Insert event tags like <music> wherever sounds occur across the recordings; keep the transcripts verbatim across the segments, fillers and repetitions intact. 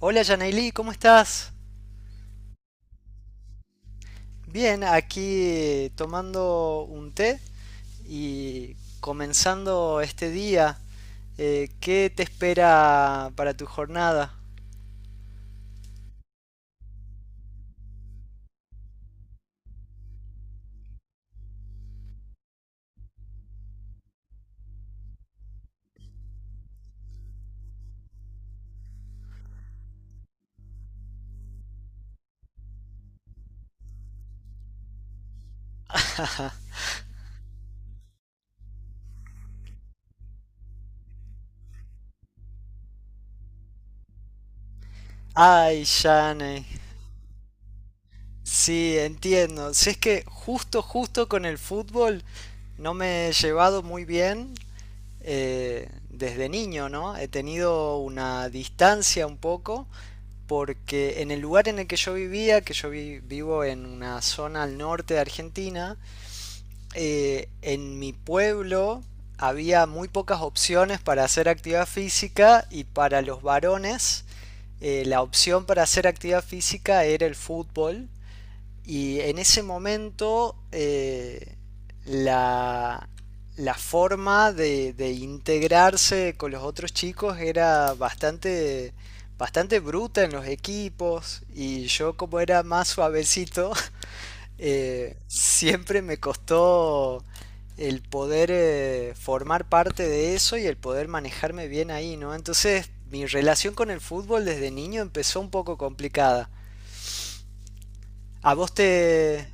Hola, Yanaili, ¿cómo estás? Bien, aquí tomando un té y comenzando este día. Eh, ¿qué te espera para tu jornada? Ay, Yanei. Sí, entiendo. Si es que justo, justo con el fútbol no me he llevado muy bien, eh, desde niño, ¿no? He tenido una distancia un poco porque en el lugar en el que yo vivía, que yo vi- vivo en una zona al norte de Argentina, eh, en mi pueblo había muy pocas opciones para hacer actividad física, y para los varones, eh, la opción para hacer actividad física era el fútbol. Y en ese momento, eh, la, la forma de, de integrarse con los otros chicos era bastante, bastante bruta en los equipos, y yo como era más suavecito, <laughs> eh, siempre me costó el poder, eh, formar parte de eso y el poder manejarme bien ahí, ¿no? Entonces mi relación con el fútbol desde niño empezó un poco complicada. ¿A vos te...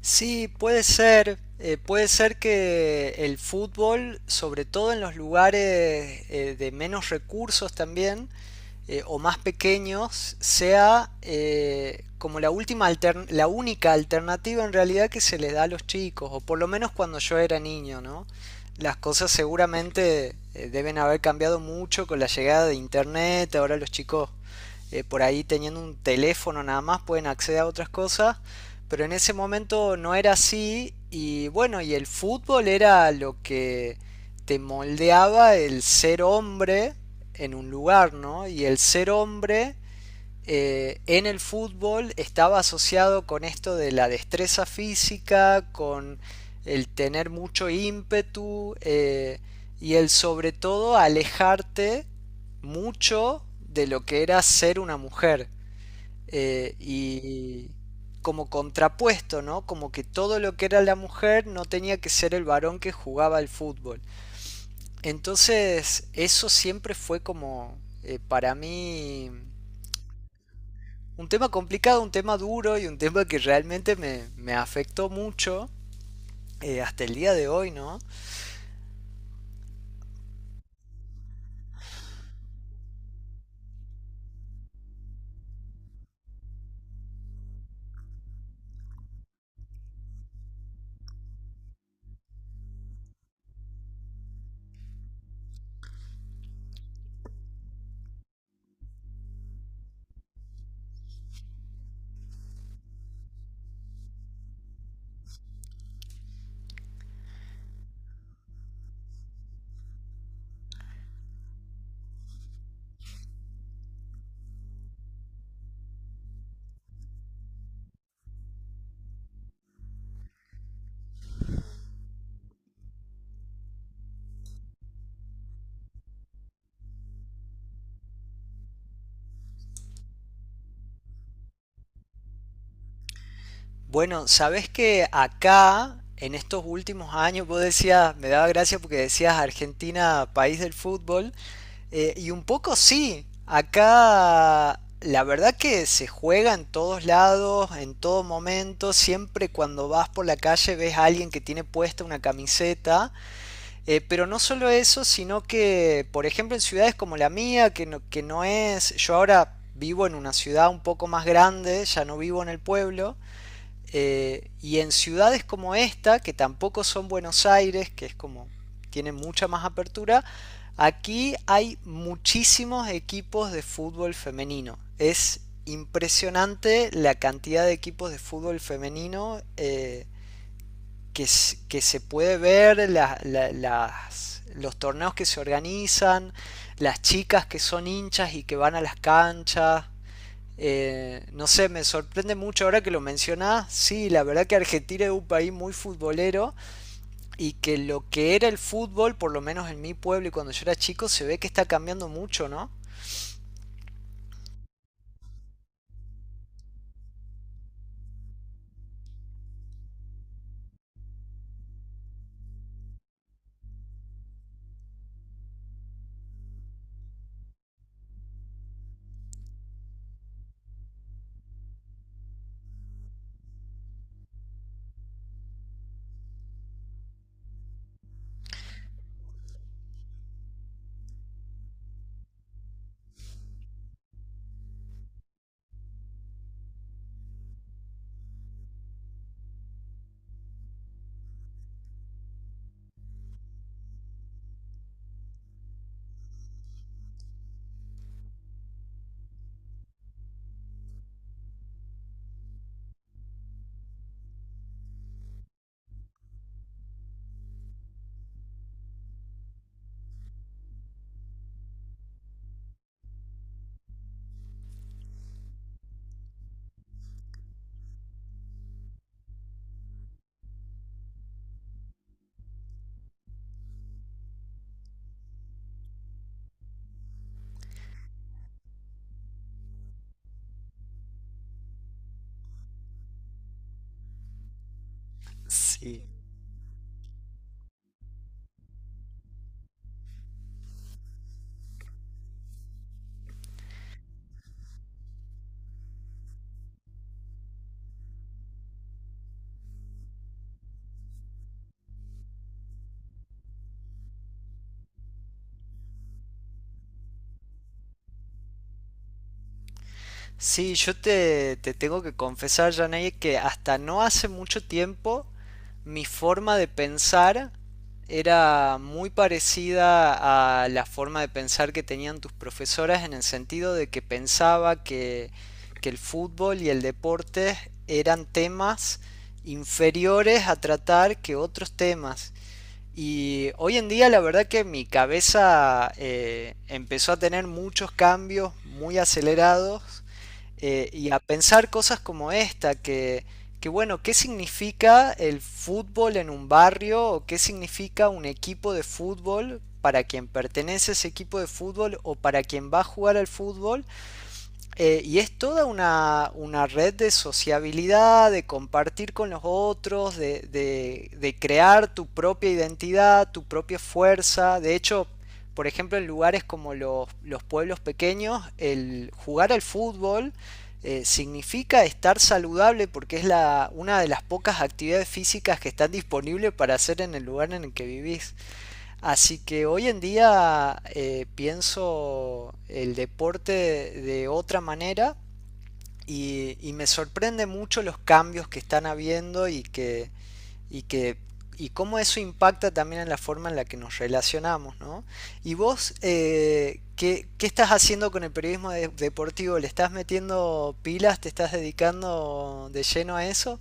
Sí, puede ser. Eh, puede ser que el fútbol, sobre todo en los lugares, eh, de menos recursos también, eh, o más pequeños, sea, eh, como la última altern- la única alternativa en realidad que se le da a los chicos, o por lo menos cuando yo era niño, ¿no? Las cosas seguramente, eh, deben haber cambiado mucho con la llegada de internet. Ahora los chicos, eh, por ahí teniendo un teléfono nada más pueden acceder a otras cosas, pero en ese momento no era así. Y bueno, y el fútbol era lo que te moldeaba el ser hombre en un lugar, ¿no? Y el ser hombre, eh, en el fútbol estaba asociado con esto de la destreza física, con el tener mucho ímpetu, eh, y el sobre todo alejarte mucho de lo que era ser una mujer. Eh, y como contrapuesto, ¿no? Como que todo lo que era la mujer no tenía que ser el varón que jugaba al fútbol. Entonces, eso siempre fue como, eh, para mí un tema complicado, un tema duro y un tema que realmente me, me afectó mucho, eh, hasta el día de hoy, ¿no? Bueno, sabes que acá, en estos últimos años, vos decías, me daba gracia porque decías Argentina, país del fútbol, eh, y un poco sí, acá la verdad que se juega en todos lados, en todo momento, siempre cuando vas por la calle ves a alguien que tiene puesta una camiseta, eh, pero no solo eso, sino que, por ejemplo, en ciudades como la mía, que no, que no es... Yo ahora vivo en una ciudad un poco más grande, ya no vivo en el pueblo, eh, y en ciudades como esta, que tampoco son Buenos Aires, que es como... Tiene mucha más apertura, aquí hay muchísimos equipos de fútbol femenino. Es impresionante la cantidad de equipos de fútbol femenino, eh, que, que se puede ver, la- la- las- los torneos que se organizan, las chicas que son hinchas y que van a las canchas. Eh, no sé, me sorprende mucho ahora que lo mencionás. Sí, la verdad que Argentina es un país muy futbolero y que lo que era el fútbol, por lo menos en mi pueblo y cuando yo era chico, se ve que está cambiando mucho, ¿no? Sí, sí, yo te, te tengo que confesar, Janey, que hasta no hace mucho tiempo mi forma de pensar era muy parecida a la forma de pensar que tenían tus profesoras, en el sentido de que pensaba que, que el fútbol y el deporte eran temas inferiores a tratar que otros temas. Y hoy en día la verdad que mi cabeza, eh, empezó a tener muchos cambios muy acelerados, eh, y a pensar cosas como esta, que, que bueno, ¿qué significa el fútbol en un barrio o qué significa un equipo de fútbol para quien pertenece a ese equipo de fútbol o para quien va a jugar al fútbol? Eh, y es toda una, una red de sociabilidad, de compartir con los otros, de, de- de crear tu propia identidad, tu propia fuerza. De hecho, por ejemplo, en lugares como los, los pueblos pequeños, el jugar al fútbol, eh, significa estar saludable porque es la, una de las pocas actividades físicas que están disponibles para hacer en el lugar en el que vivís. Así que hoy en día, eh, pienso el deporte de, de otra manera, y, y me sorprende mucho los cambios que están habiendo y que, y que y cómo eso impacta también en la forma en la que nos relacionamos, ¿no? Y vos, eh, ¿qué, qué estás haciendo con el periodismo de- deportivo? ¿Le estás metiendo pilas? ¿Te estás dedicando de lleno a eso?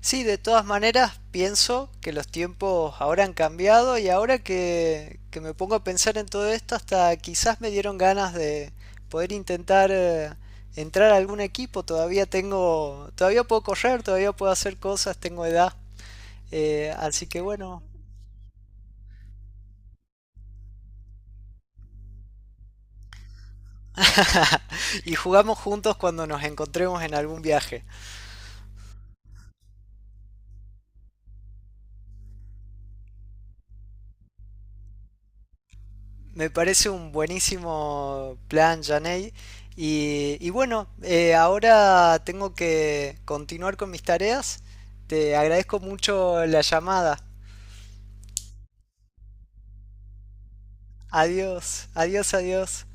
Sí, de todas maneras pienso que los tiempos ahora han cambiado, y ahora que, que me pongo a pensar en todo esto, hasta quizás me dieron ganas de poder intentar, eh, entrar a algún equipo. Todavía tengo, todavía puedo correr, todavía puedo hacer cosas, tengo edad. Eh, así que bueno, <laughs> y jugamos juntos cuando nos encontremos en algún viaje. Me parece un buenísimo plan, Janey. Y, y bueno, eh, ahora tengo que continuar con mis tareas. Te agradezco mucho la llamada. Adiós, adiós, adiós.